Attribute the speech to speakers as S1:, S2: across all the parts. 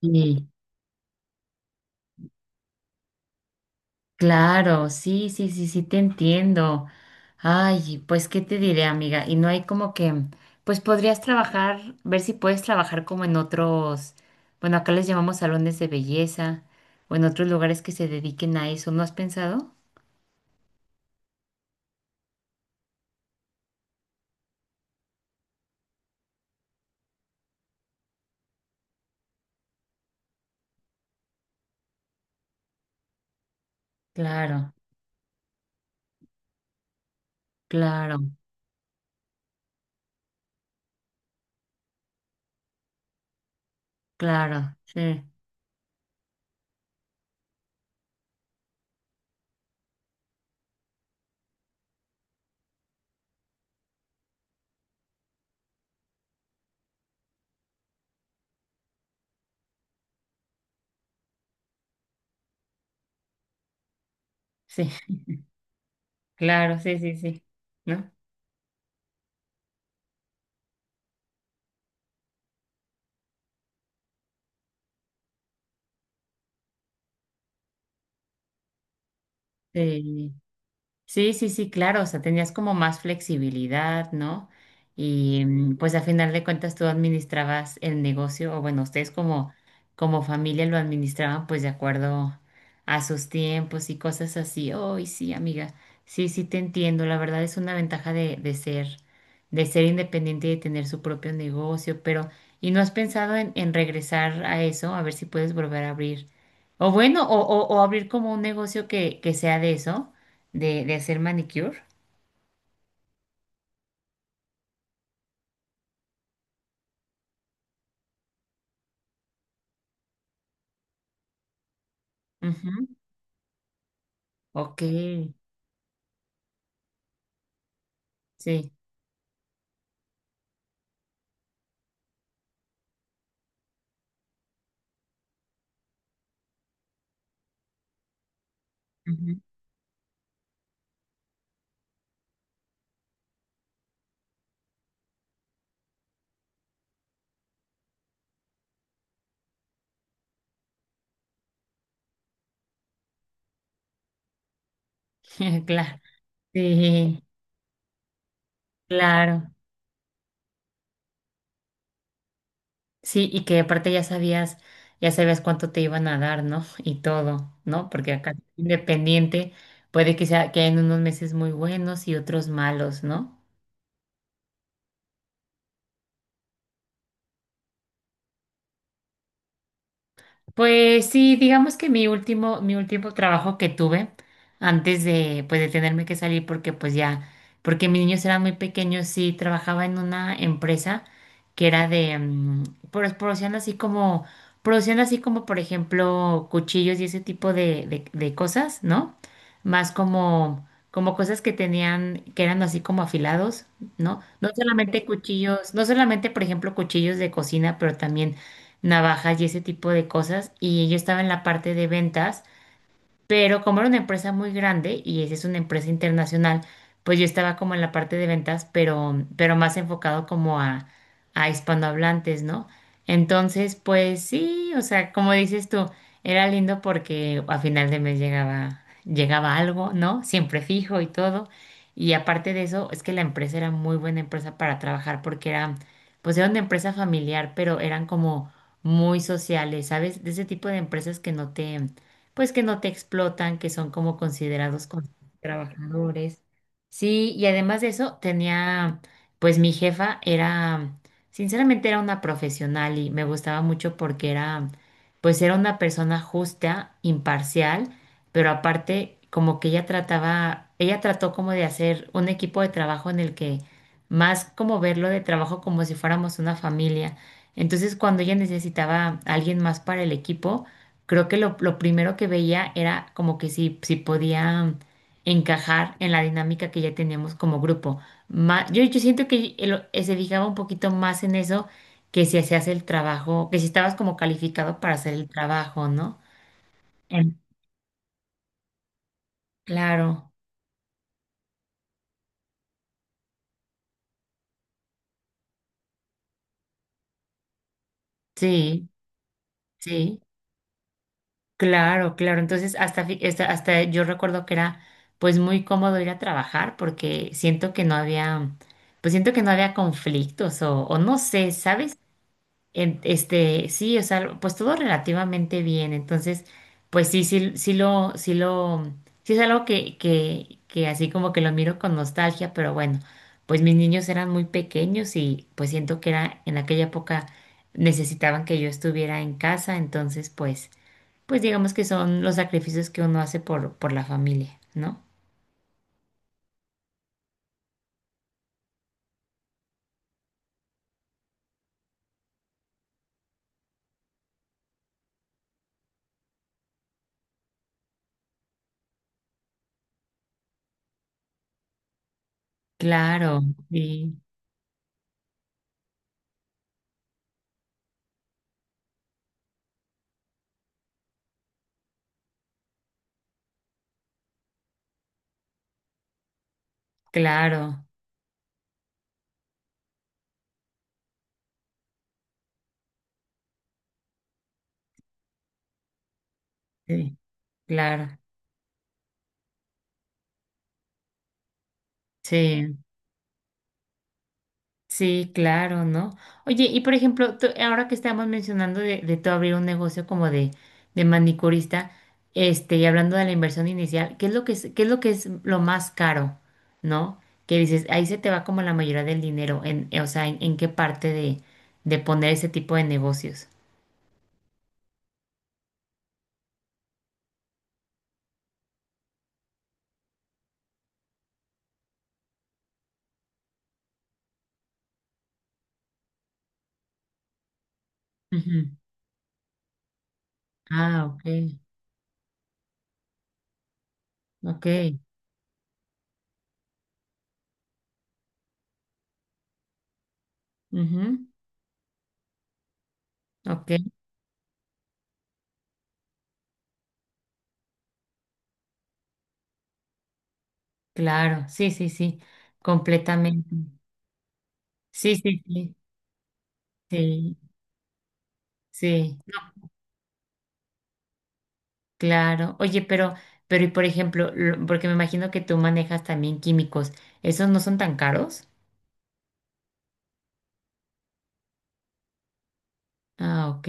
S1: Sí, claro, sí, sí, sí, sí, te entiendo. Ay, pues, ¿qué te diré, amiga? Y no hay como que, pues podrías trabajar, ver si puedes trabajar como en otros, bueno, acá les llamamos salones de belleza o en otros lugares que se dediquen a eso. ¿No has pensado? Claro, claro, claro, sí, sí, claro, sí, sí, sí, ¿no? Sí. Sí, sí, sí, claro, o sea, tenías como más flexibilidad, ¿no? Y pues a final de cuentas tú administrabas el negocio, o bueno, ustedes como, como familia lo administraban pues de acuerdo a sus tiempos y cosas así. Ay, sí, amiga, sí, sí te entiendo, la verdad es una ventaja de ser, de ser, independiente y de tener su propio negocio, pero ¿y no has pensado en regresar a eso? A ver si puedes volver a abrir, o bueno, o abrir como un negocio que sea de eso de hacer manicure. Ujú. Ok, sí, ujú. Claro, sí, claro. Sí, y que aparte ya sabías cuánto te iban a dar, ¿no? Y todo, ¿no? Porque acá independiente puede que sea que hayan unos meses muy buenos y otros malos, ¿no? Pues sí, digamos que mi último trabajo que tuve antes de, pues, de tenerme que salir porque pues ya, porque mis niños eran muy pequeños, sí, trabajaba en una empresa que era de, pues, produciendo así como, por ejemplo, cuchillos y ese tipo de cosas, ¿no? Más como, como cosas que tenían, que eran así como afilados, ¿no? No solamente cuchillos, no solamente, por ejemplo, cuchillos de cocina, pero también navajas y ese tipo de cosas. Y yo estaba en la parte de ventas. Pero como era una empresa muy grande y esa es una empresa internacional, pues yo estaba como en la parte de ventas, pero más enfocado como a, hispanohablantes, ¿no? Entonces, pues sí, o sea, como dices tú, era lindo porque a final de mes llegaba algo, ¿no? Siempre fijo y todo. Y aparte de eso, es que la empresa era muy buena empresa para trabajar porque era, pues era una empresa familiar, pero eran como muy sociales, ¿sabes? De ese tipo de empresas que no te pues que no te explotan, que son como considerados como trabajadores. Sí, y además de eso, tenía, pues mi jefa era, sinceramente era una profesional y me gustaba mucho porque era, pues era una persona justa, imparcial, pero aparte como que ella trató como de hacer un equipo de trabajo en el que más como verlo de trabajo como si fuéramos una familia. Entonces, cuando ella necesitaba a alguien más para el equipo, creo que lo primero que veía era como que si, podía encajar en la dinámica que ya teníamos como grupo. Yo siento que se fijaba un poquito más en eso que si hacías el trabajo, que si estabas como calificado para hacer el trabajo, ¿no? En- claro, sí, sí, claro, claro. Entonces, hasta yo recuerdo que era pues muy cómodo ir a trabajar porque siento que no había, pues siento que no había conflictos o, no sé, ¿sabes? Este, sí, o sea, pues todo relativamente bien. Entonces, pues sí, sí, sí lo, sí es algo que así como que lo miro con nostalgia, pero bueno, pues mis niños eran muy pequeños y pues siento que era en aquella época necesitaban que yo estuviera en casa, entonces pues, digamos que son los sacrificios que uno hace por la familia, ¿no? Claro, sí, claro, sí, claro, sí. Sí, claro, ¿no? Oye, y por ejemplo, ahora que estamos mencionando de, tú abrir un negocio como de manicurista, este, y hablando de la inversión inicial, qué es lo que es lo más caro? ¿No? Que dices, ahí se te va como la mayoría del dinero, o sea, ¿en, qué parte de poner ese tipo de negocios? Ujú. Ah, ok, ok, ujú, ok, claro, sí, sí, sí, completamente. Sí, sí, sí, sí, sí. Claro. Oye, pero, y por ejemplo, porque me imagino que tú manejas también químicos, ¿esos no son tan caros? Ah, ok.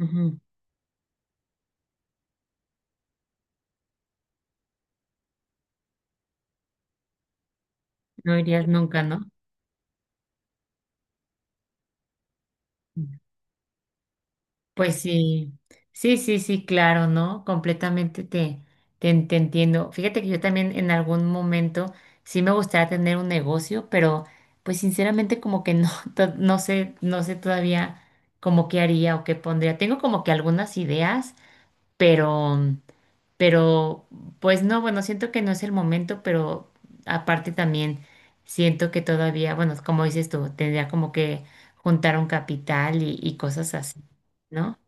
S1: Ujú. No irías nunca, ¿no? Pues sí, sí, sí, sí, claro, ¿no? Completamente te entiendo. Fíjate que yo también en algún momento sí me gustaría tener un negocio, pero pues sinceramente como que no, no sé todavía como qué haría o qué pondría. Tengo como que algunas ideas, pero... Pero, pues no, bueno, siento que no es el momento, pero aparte también siento que todavía, bueno, como dices tú, tendría como que juntar un capital y cosas así, ¿no?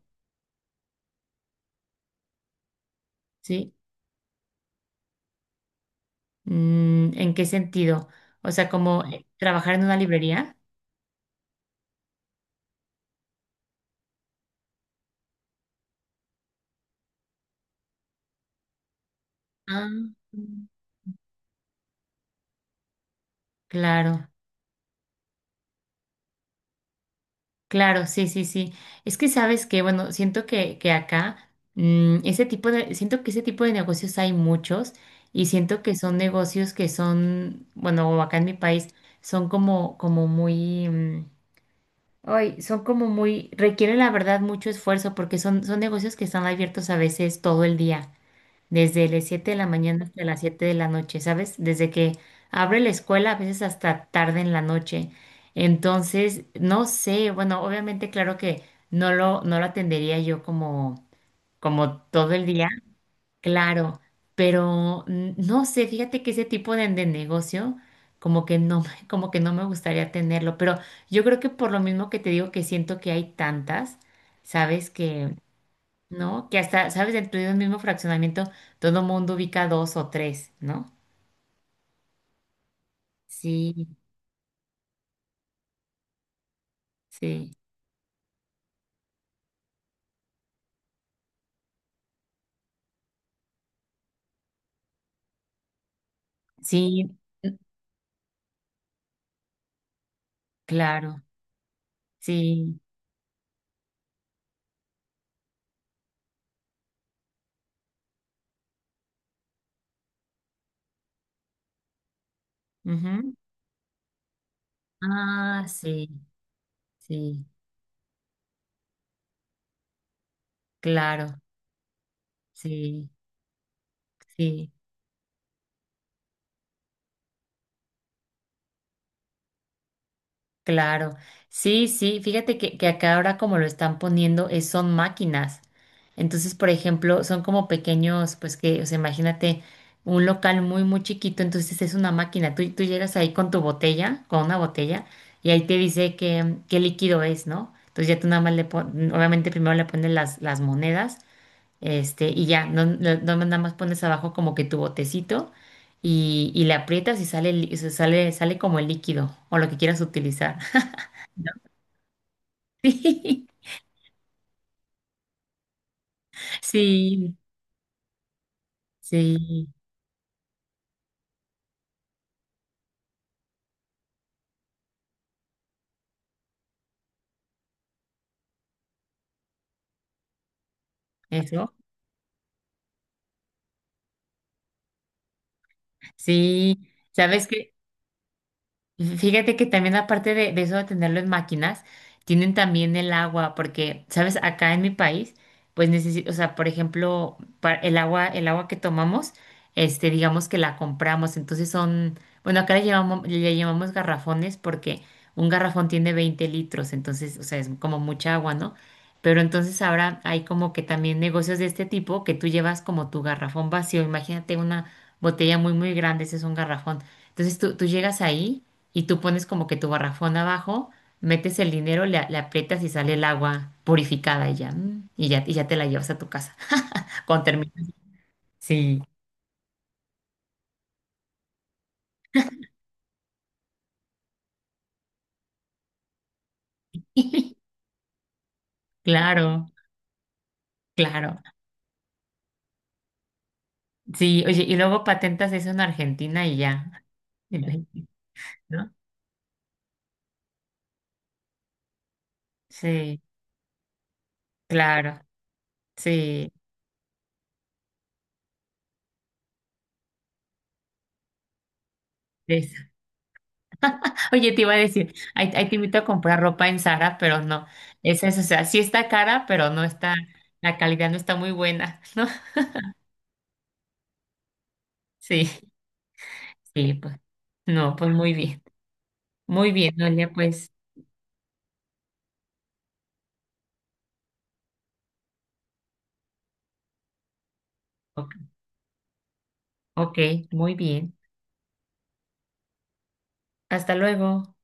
S1: Sí. ¿En qué sentido? O sea, como trabajar en una librería. Ah, claro. Claro, sí, sí, sí. Es que sabes que, bueno, siento que acá, siento que ese tipo de negocios hay muchos y siento que son negocios que son, bueno, acá en mi país, son como, como muy, ay, son como muy, requieren la verdad mucho esfuerzo porque son negocios que están abiertos a veces todo el día desde las 7 de la mañana hasta las 7 de la noche, ¿sabes? Desde que abre la escuela, a veces hasta tarde en la noche. Entonces, no sé, bueno, obviamente claro que no lo atendería yo como todo el día, claro, pero no sé, fíjate que ese tipo de negocio como que no, como que no me gustaría tenerlo, pero yo creo que por lo mismo que te digo que siento que hay tantas, ¿sabes? ¿No? Que hasta, ¿sabes? Dentro de un mismo fraccionamiento todo mundo ubica dos o tres, ¿no? Sí, sí, sí, claro, sí. Ujú. Ah, sí, sí, claro, sí, sí. Claro, sí, sí, fíjate que acá ahora como lo están poniendo son máquinas. Entonces, por ejemplo, son como pequeños, pues que, o sea, imagínate un local muy, muy chiquito, entonces es una máquina. Tú llegas ahí con una botella, y ahí te dice qué líquido es, ¿no? Entonces ya tú nada más le pones, obviamente primero le pones las monedas, este, y ya, no nada más pones abajo como que tu botecito y le aprietas y sale, o sea, sale como el líquido o lo que quieras utilizar. ¿No? Sí, sí, sí, eso, sí. ¿Sabes qué? Y fíjate que también aparte de, eso de tenerlo en máquinas, tienen también el agua, porque, ¿sabes? Acá en mi país, pues necesito, o sea, por ejemplo, el agua, que tomamos, este, digamos que la compramos, entonces son, bueno, acá le llamamos garrafones porque un garrafón tiene 20 litros, entonces, o sea, es como mucha agua, ¿no? Pero entonces ahora hay como que también negocios de este tipo que tú llevas como tu garrafón vacío, imagínate una botella muy, muy grande, ese es un garrafón. Entonces tú llegas ahí y tú pones como que tu garrafón abajo, metes el dinero, le aprietas y sale el agua purificada y ya, y ya, y ya te la llevas a tu casa. Con termina. Sí. Claro, claro. Sí, oye, y luego patentas eso en Argentina y ya. En México, ¿no? Sí, claro. Sí. Eso. Oye, te iba a decir, ahí te invito a comprar ropa en Zara, pero no. Es eso, o sea, sí está cara, pero no está, la calidad no está muy buena, ¿no? Sí, sí, pues. No, pues muy bien. Muy bien, oye, pues, ok, ok, muy bien. Hasta luego.